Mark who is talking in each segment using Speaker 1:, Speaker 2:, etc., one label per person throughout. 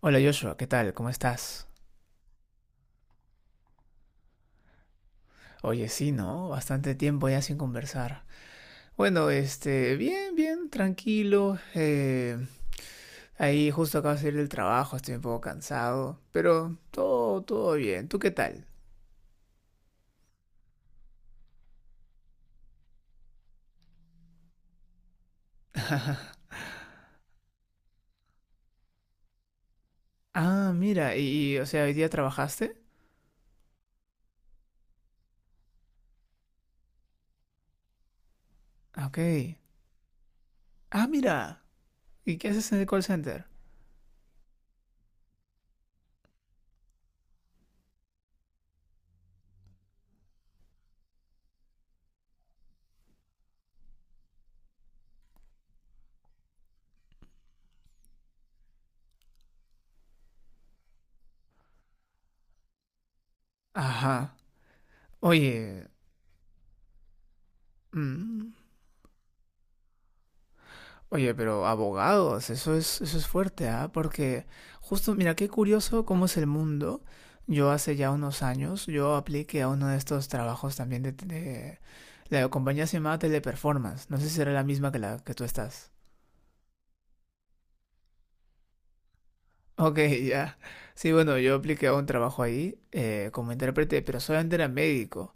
Speaker 1: Hola Joshua, ¿qué tal? ¿Cómo estás? Oye, sí, ¿no? Bastante tiempo ya sin conversar. Bueno, este, bien, bien, tranquilo. Ahí justo acabo de salir del trabajo, estoy un poco cansado, pero todo, todo bien. ¿Tú qué tal? Ah, mira, o sea, ¿hoy día trabajaste? Ah, ok. Ah, mira. ¿Y qué haces en el call center? Ajá. Oye, mm, oye, pero abogados, eso es fuerte, ¿ah? Porque justo, mira, qué curioso cómo es el mundo. Yo hace ya unos años, yo apliqué a uno de estos trabajos también la compañía se llamaba Teleperformance. No sé si era la misma que la que tú estás. Ok, ya. Sí, bueno, yo apliqué a un trabajo ahí como intérprete, pero solamente era médico.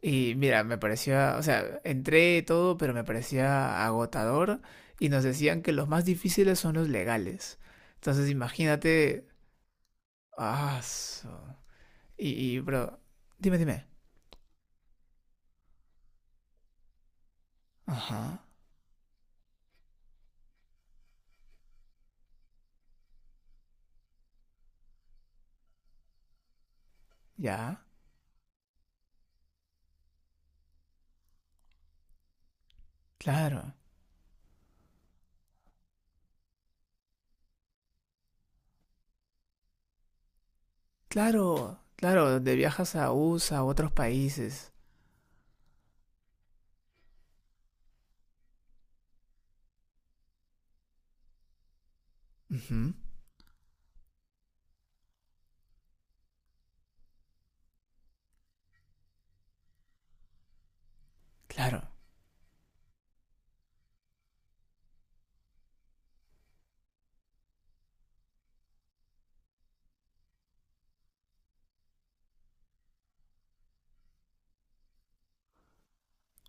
Speaker 1: Y mira, me parecía, o sea, entré todo, pero me parecía agotador y nos decían que los más difíciles son los legales. Entonces, imagínate, ah, su- y, bro, dime, dime. Ajá, ya, claro, claro, claro, donde viajas a USA, a otros países. Ujú, claro.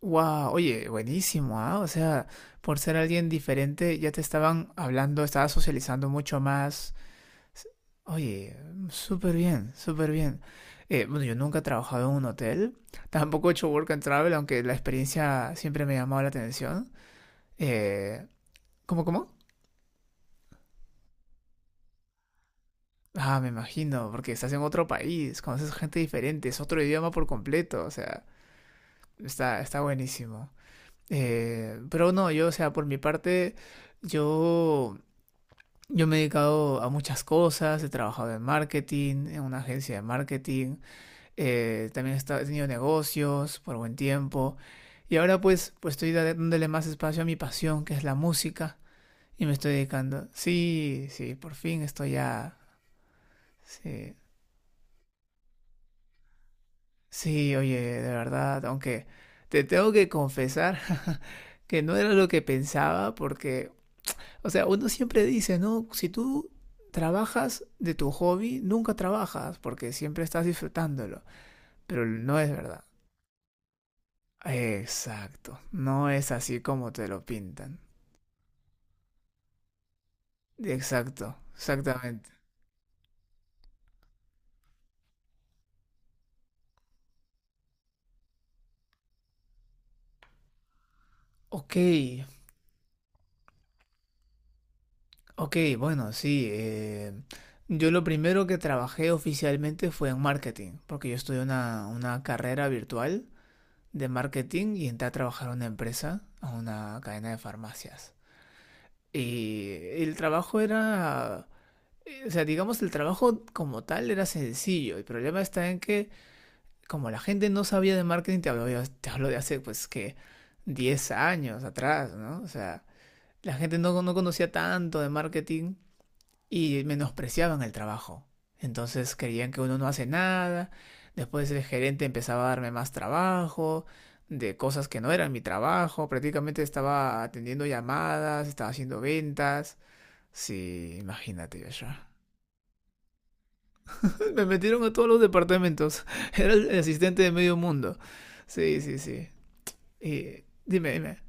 Speaker 1: Wow, oye, buenísimo, ¿ah? O sea, por ser alguien diferente, ya te estaban hablando, estabas socializando mucho más. Oye, súper bien, súper bien. Bueno, yo nunca he trabajado en un hotel, tampoco he hecho work and travel, aunque la experiencia siempre me ha llamado la atención. Eh, cómo? Ah, me imagino, porque estás en otro país, conoces gente diferente, es otro idioma por completo, o sea, está buenísimo. Pero no, yo, o sea, por mi parte, yo, yo me he dedicado a muchas cosas, he trabajado en marketing, en una agencia de marketing. También he tenido negocios por buen tiempo. Y ahora pues estoy dándole más espacio a mi pasión, que es la música, y me estoy dedicando. Sí, sí, por fin estoy ya. Sí, sí, oye, de verdad, aunque te tengo que confesar que no era lo que pensaba, porque, o sea, uno siempre dice, ¿no? Si tú trabajas de tu hobby, nunca trabajas, porque siempre estás disfrutándolo. Pero no es verdad. Exacto. No es así como te lo pintan. Exacto, exactamente. Ok, ok, bueno, sí. Yo lo primero que trabajé oficialmente fue en marketing, porque yo estudié una carrera virtual de marketing y entré a trabajar a una empresa, a una cadena de farmacias. Y el trabajo era, o sea, digamos, el trabajo como tal era sencillo. El problema está en que como la gente no sabía de marketing, te hablo de hace pues que 10 años atrás, ¿no? O sea, la gente no, no conocía tanto de marketing y menospreciaban el trabajo. Entonces creían que uno no hace nada, después el gerente empezaba a darme más trabajo, de cosas que no eran mi trabajo, prácticamente estaba atendiendo llamadas, estaba haciendo ventas. Sí, imagínate, Joshua. Me metieron a todos los departamentos. Era el asistente de medio mundo. Sí, sí, sí. Dime, dime.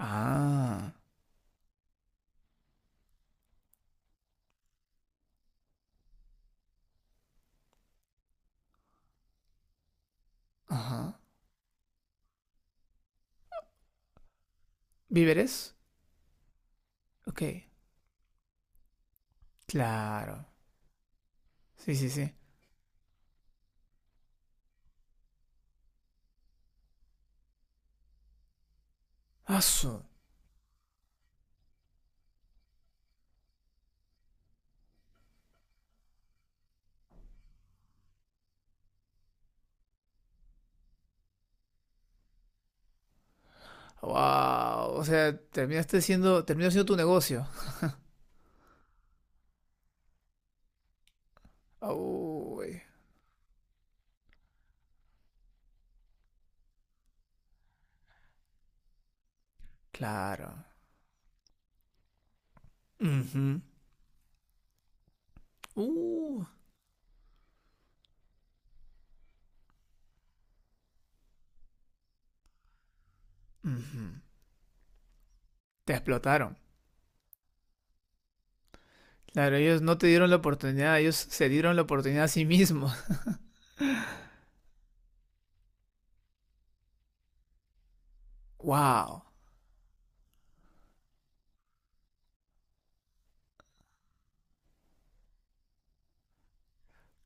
Speaker 1: Ah, ajá. ¿Víveres? Ok, claro. Sí, sí, sí. Asu. Wow, o sea, terminaste siendo, terminó siendo tu negocio. Uy, claro. Ujú. Uh, ujú. Te explotaron. Claro, ellos no te dieron la oportunidad, ellos se dieron la oportunidad a sí mismos. Wow,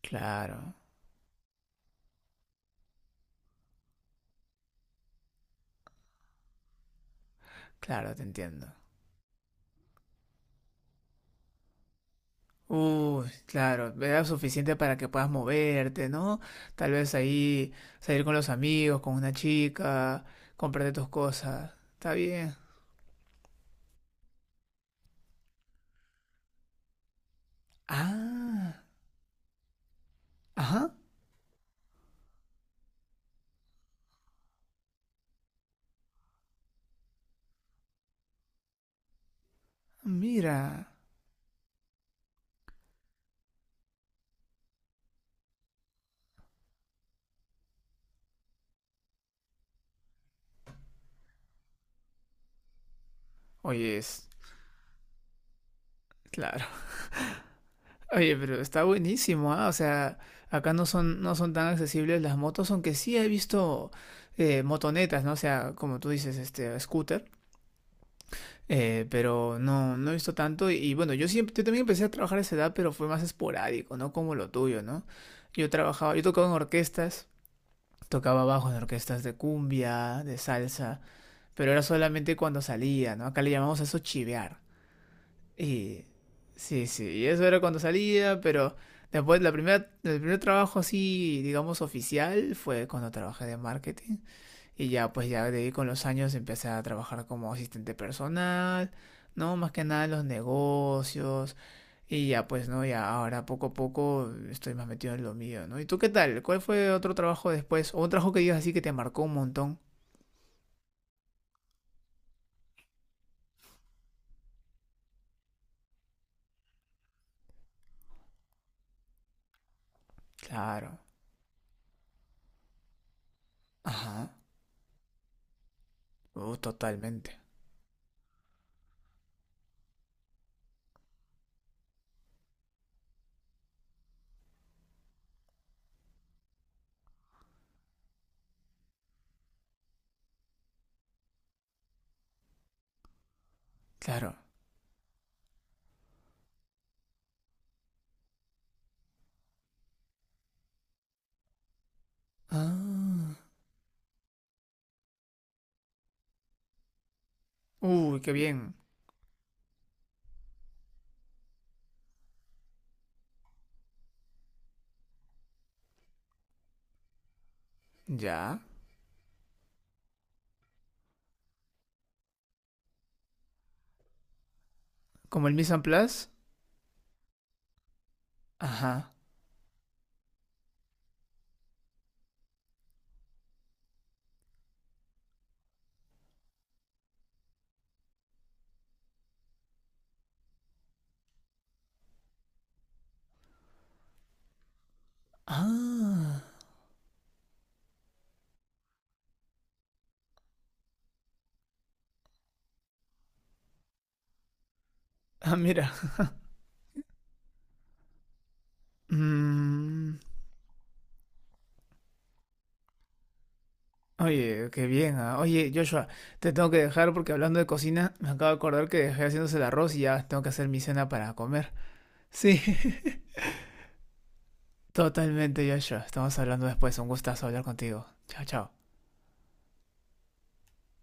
Speaker 1: claro, claro, te entiendo. Uy, claro, era suficiente para que puedas moverte, ¿no? Tal vez ahí salir con los amigos, con una chica, comprarte tus cosas. Está bien. Ah, ajá, mira. Oye, es claro. Oye, pero está buenísimo, ¿ah? O sea, acá no son, no son tan accesibles las motos, aunque sí he visto motonetas, ¿no? O sea, como tú dices, este, scooter. Pero no, no he visto tanto. Y bueno, yo siempre, yo también empecé a trabajar a esa edad, pero fue más esporádico, no como lo tuyo, ¿no? Yo trabajaba, yo tocaba en orquestas, tocaba bajo en orquestas de cumbia, de salsa, pero era solamente cuando salía, ¿no? Acá le llamamos a eso chivear. Y sí, sí, y eso era cuando salía, pero después el primer trabajo así, digamos, oficial fue cuando trabajé de marketing. Y ya, pues ya de ahí con los años empecé a trabajar como asistente personal, ¿no? Más que nada en los negocios. Y ya, pues, ¿no? Ya ahora poco a poco estoy más metido en lo mío, ¿no? ¿Y tú qué tal? ¿Cuál fue otro trabajo después? ¿O un trabajo que digas así que te marcó un montón? Claro. Ajá. Totalmente. Claro. Ah. Uy, qué bien. Ya. ¿Como el Mise en Place? Ajá. Ah. Ah, mira. Mm. Oye, qué bien, ah. Oye, Joshua, te tengo que dejar porque hablando de cocina, me acabo de acordar que dejé haciéndose el arroz y ya tengo que hacer mi cena para comer. Sí, totalmente, Joshua. Estamos hablando después. Un gustazo hablar contigo. Chao, chao.